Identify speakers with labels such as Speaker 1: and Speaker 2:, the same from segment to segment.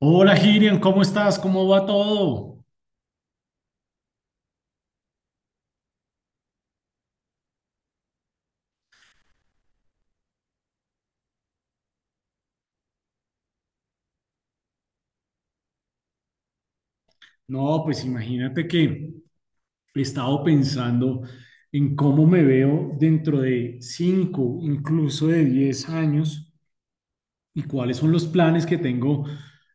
Speaker 1: Hola Girian, ¿cómo estás? ¿Cómo va todo? No, pues imagínate que he estado pensando en cómo me veo dentro de 5, incluso de 10 años y cuáles son los planes que tengo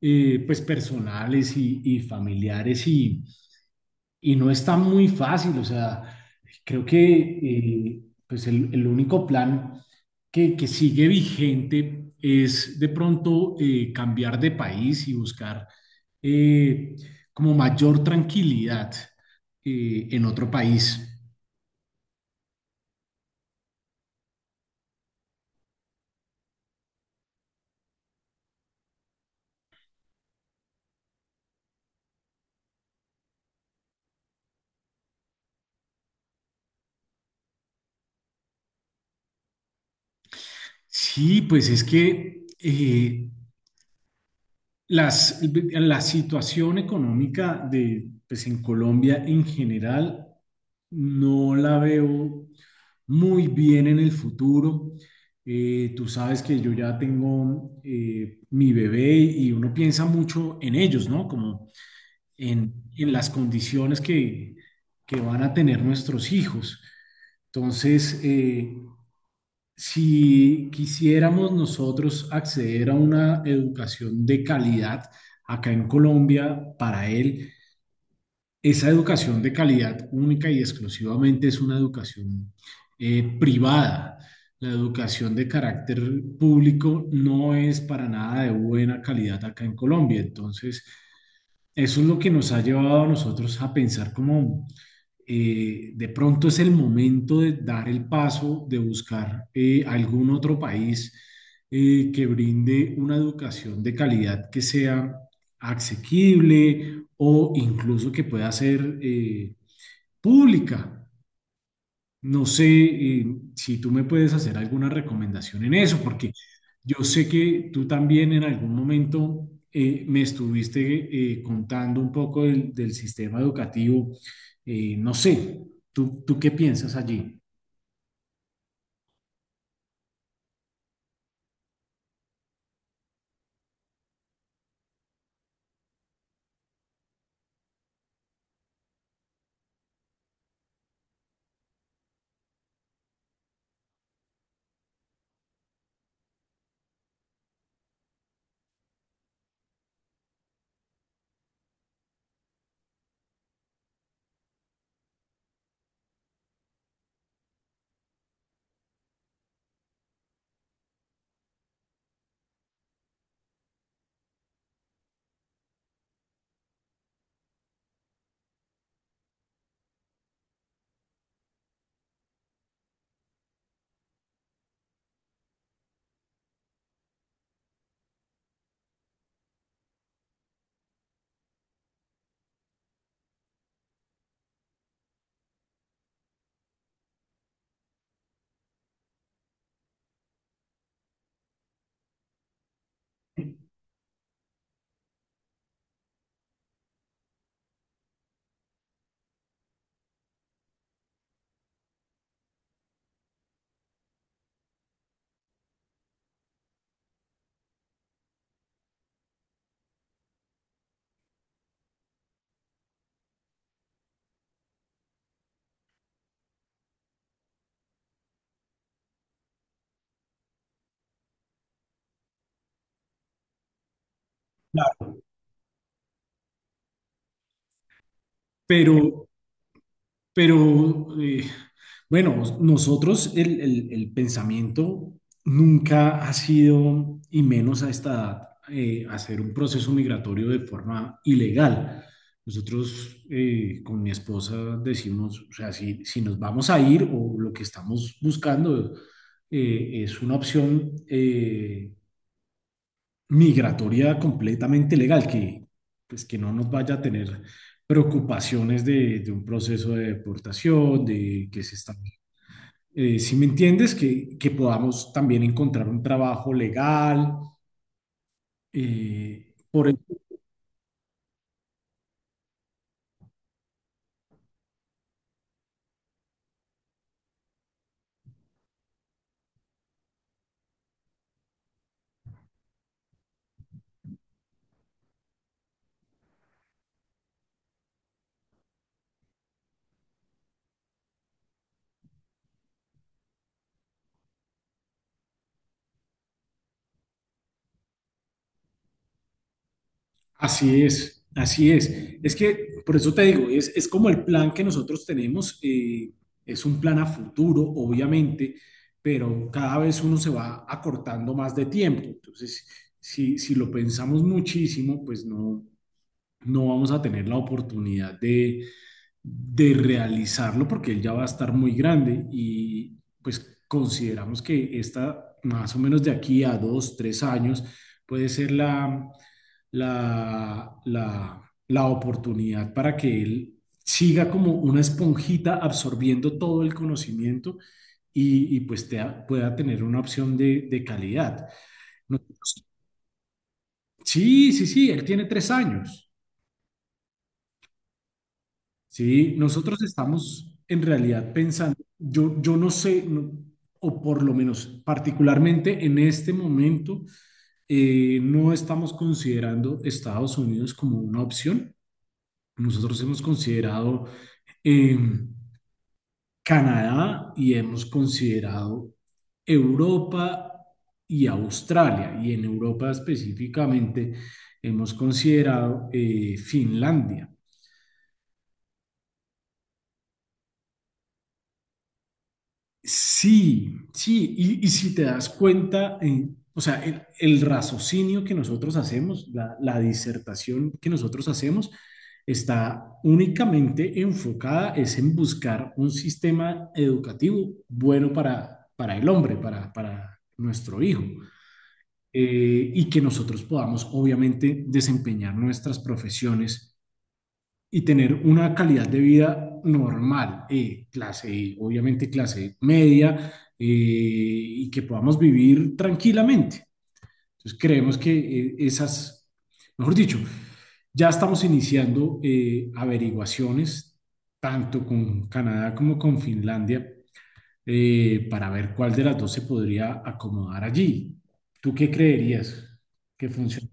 Speaker 1: pues personales y, y familiares. Y no está muy fácil, o sea, creo que eh, pues el único plan que sigue vigente es de pronto, cambiar de país y buscar eh, como mayor tranquilidad en otro país. Sí, pues es que las, la situación económica pues en Colombia en general, no la veo muy bien en el futuro. Tú sabes que yo ya tengo mi bebé y uno piensa mucho en ellos, ¿no? Como en las condiciones que van a tener nuestros hijos. Entonces, si quisiéramos nosotros acceder a una educación de calidad acá en Colombia para él, esa educación de calidad única y exclusivamente es una educación privada. La educación de carácter público no es para nada de buena calidad acá en Colombia. Entonces, eso es lo que nos ha llevado a nosotros a pensar como, de pronto es el momento de dar el paso, de buscar algún otro país que brinde una educación de calidad que sea asequible o incluso que pueda ser pública. No sé, si tú me puedes hacer alguna recomendación en eso, porque yo sé que tú también en algún momento me estuviste contando un poco del sistema educativo. No sé, ¿tú qué piensas allí? Claro. Pero, Pero bueno, nosotros el pensamiento nunca ha sido, y menos a esta edad, hacer un proceso migratorio de forma ilegal. Nosotros, con mi esposa decimos, o sea, si nos vamos a ir, o lo que estamos buscando es una opción migratoria completamente legal, pues, que no nos vaya a tener preocupaciones de un proceso de deportación, de que se está. Si me entiendes, que podamos también encontrar un trabajo legal. Eh, por Así es, así es. Es que, por eso te digo, es como el plan que nosotros tenemos. Es un plan a futuro, obviamente, pero cada vez uno se va acortando más de tiempo. Entonces, si lo pensamos muchísimo, pues no vamos a tener la oportunidad de realizarlo porque él ya va a estar muy grande y pues consideramos que esta más o menos, de aquí a 2, 3 años puede ser la oportunidad para que él siga como una esponjita absorbiendo todo el conocimiento. Y pues pueda tener una opción de calidad. Nosotros- sí, sí, sí, él tiene 3 años. Sí, nosotros estamos en realidad pensando, yo no sé, o por lo menos particularmente en este momento, no estamos considerando Estados Unidos como una opción. Nosotros hemos considerado, eh, Canadá, y hemos considerado Europa y Australia. Y en Europa específicamente hemos considerado, Finlandia. Sí, sí, y, si te das cuenta, o sea, el raciocinio que nosotros hacemos, la disertación que nosotros hacemos, está únicamente enfocada es en buscar un sistema educativo bueno para, para nuestro hijo, y que nosotros podamos, obviamente, desempeñar nuestras profesiones y tener una calidad de vida normal, obviamente clase media, y que podamos vivir tranquilamente. Entonces creemos eh, esas, mejor dicho, ya estamos iniciando, averiguaciones tanto con Canadá como con Finlandia, para ver cuál de las dos se podría acomodar allí. ¿Tú qué creerías que funciona?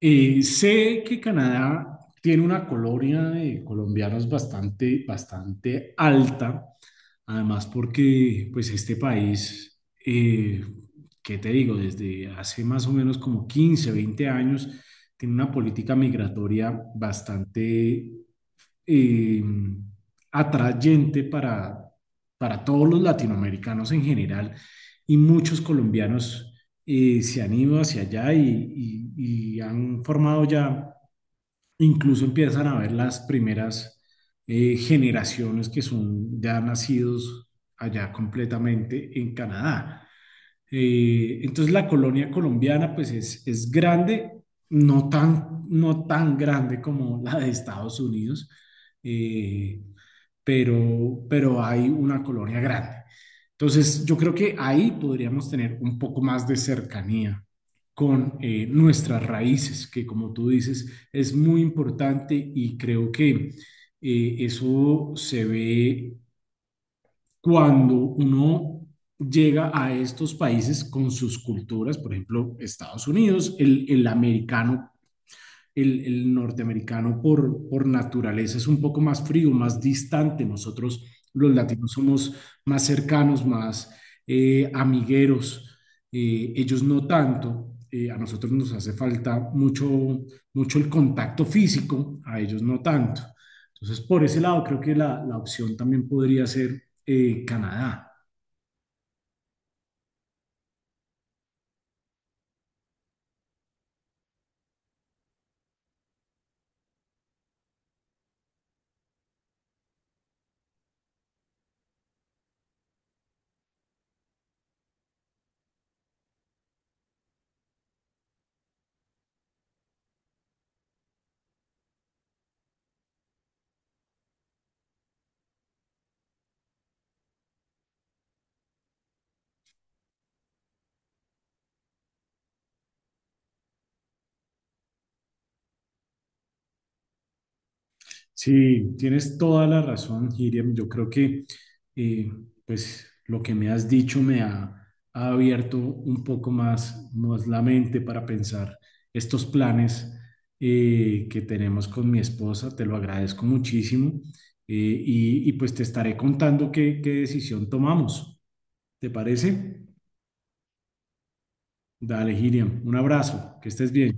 Speaker 1: Sé que Canadá tiene una colonia de colombianos bastante, bastante alta, además porque pues este país, eh, ¿qué te digo? Desde hace más o menos como 15, 20 años, tiene una política migratoria bastante, eh, atrayente para, todos los latinoamericanos en general, y muchos colombianos se han ido hacia allá, y han formado ya, incluso empiezan a ver las primeras, generaciones que son ya nacidos allá completamente en Canadá. Entonces la colonia colombiana pues es grande, no tan grande como la de Estados Unidos, eh, pero hay una colonia grande. Entonces yo creo que ahí podríamos tener un poco más de cercanía con, nuestras raíces, que como tú dices es muy importante, y creo que eso se ve cuando uno llega a estos países con sus culturas, por ejemplo, Estados Unidos, el norteamericano, por naturaleza, es un poco más frío, más distante. Nosotros los latinos somos más cercanos, más, amigueros, ellos no tanto. A nosotros nos hace falta mucho, mucho el contacto físico, a ellos no tanto. Entonces, por ese lado, creo que la opción también podría ser, Canadá. Sí, tienes toda la razón, Hiriam. Yo creo que eh, pues lo que me has dicho me ha abierto un poco más, más la mente para pensar estos planes que tenemos con mi esposa. Te lo agradezco muchísimo, y pues te estaré contando qué, decisión tomamos. ¿Te parece? Dale, Hiriam. Un abrazo. Que estés bien.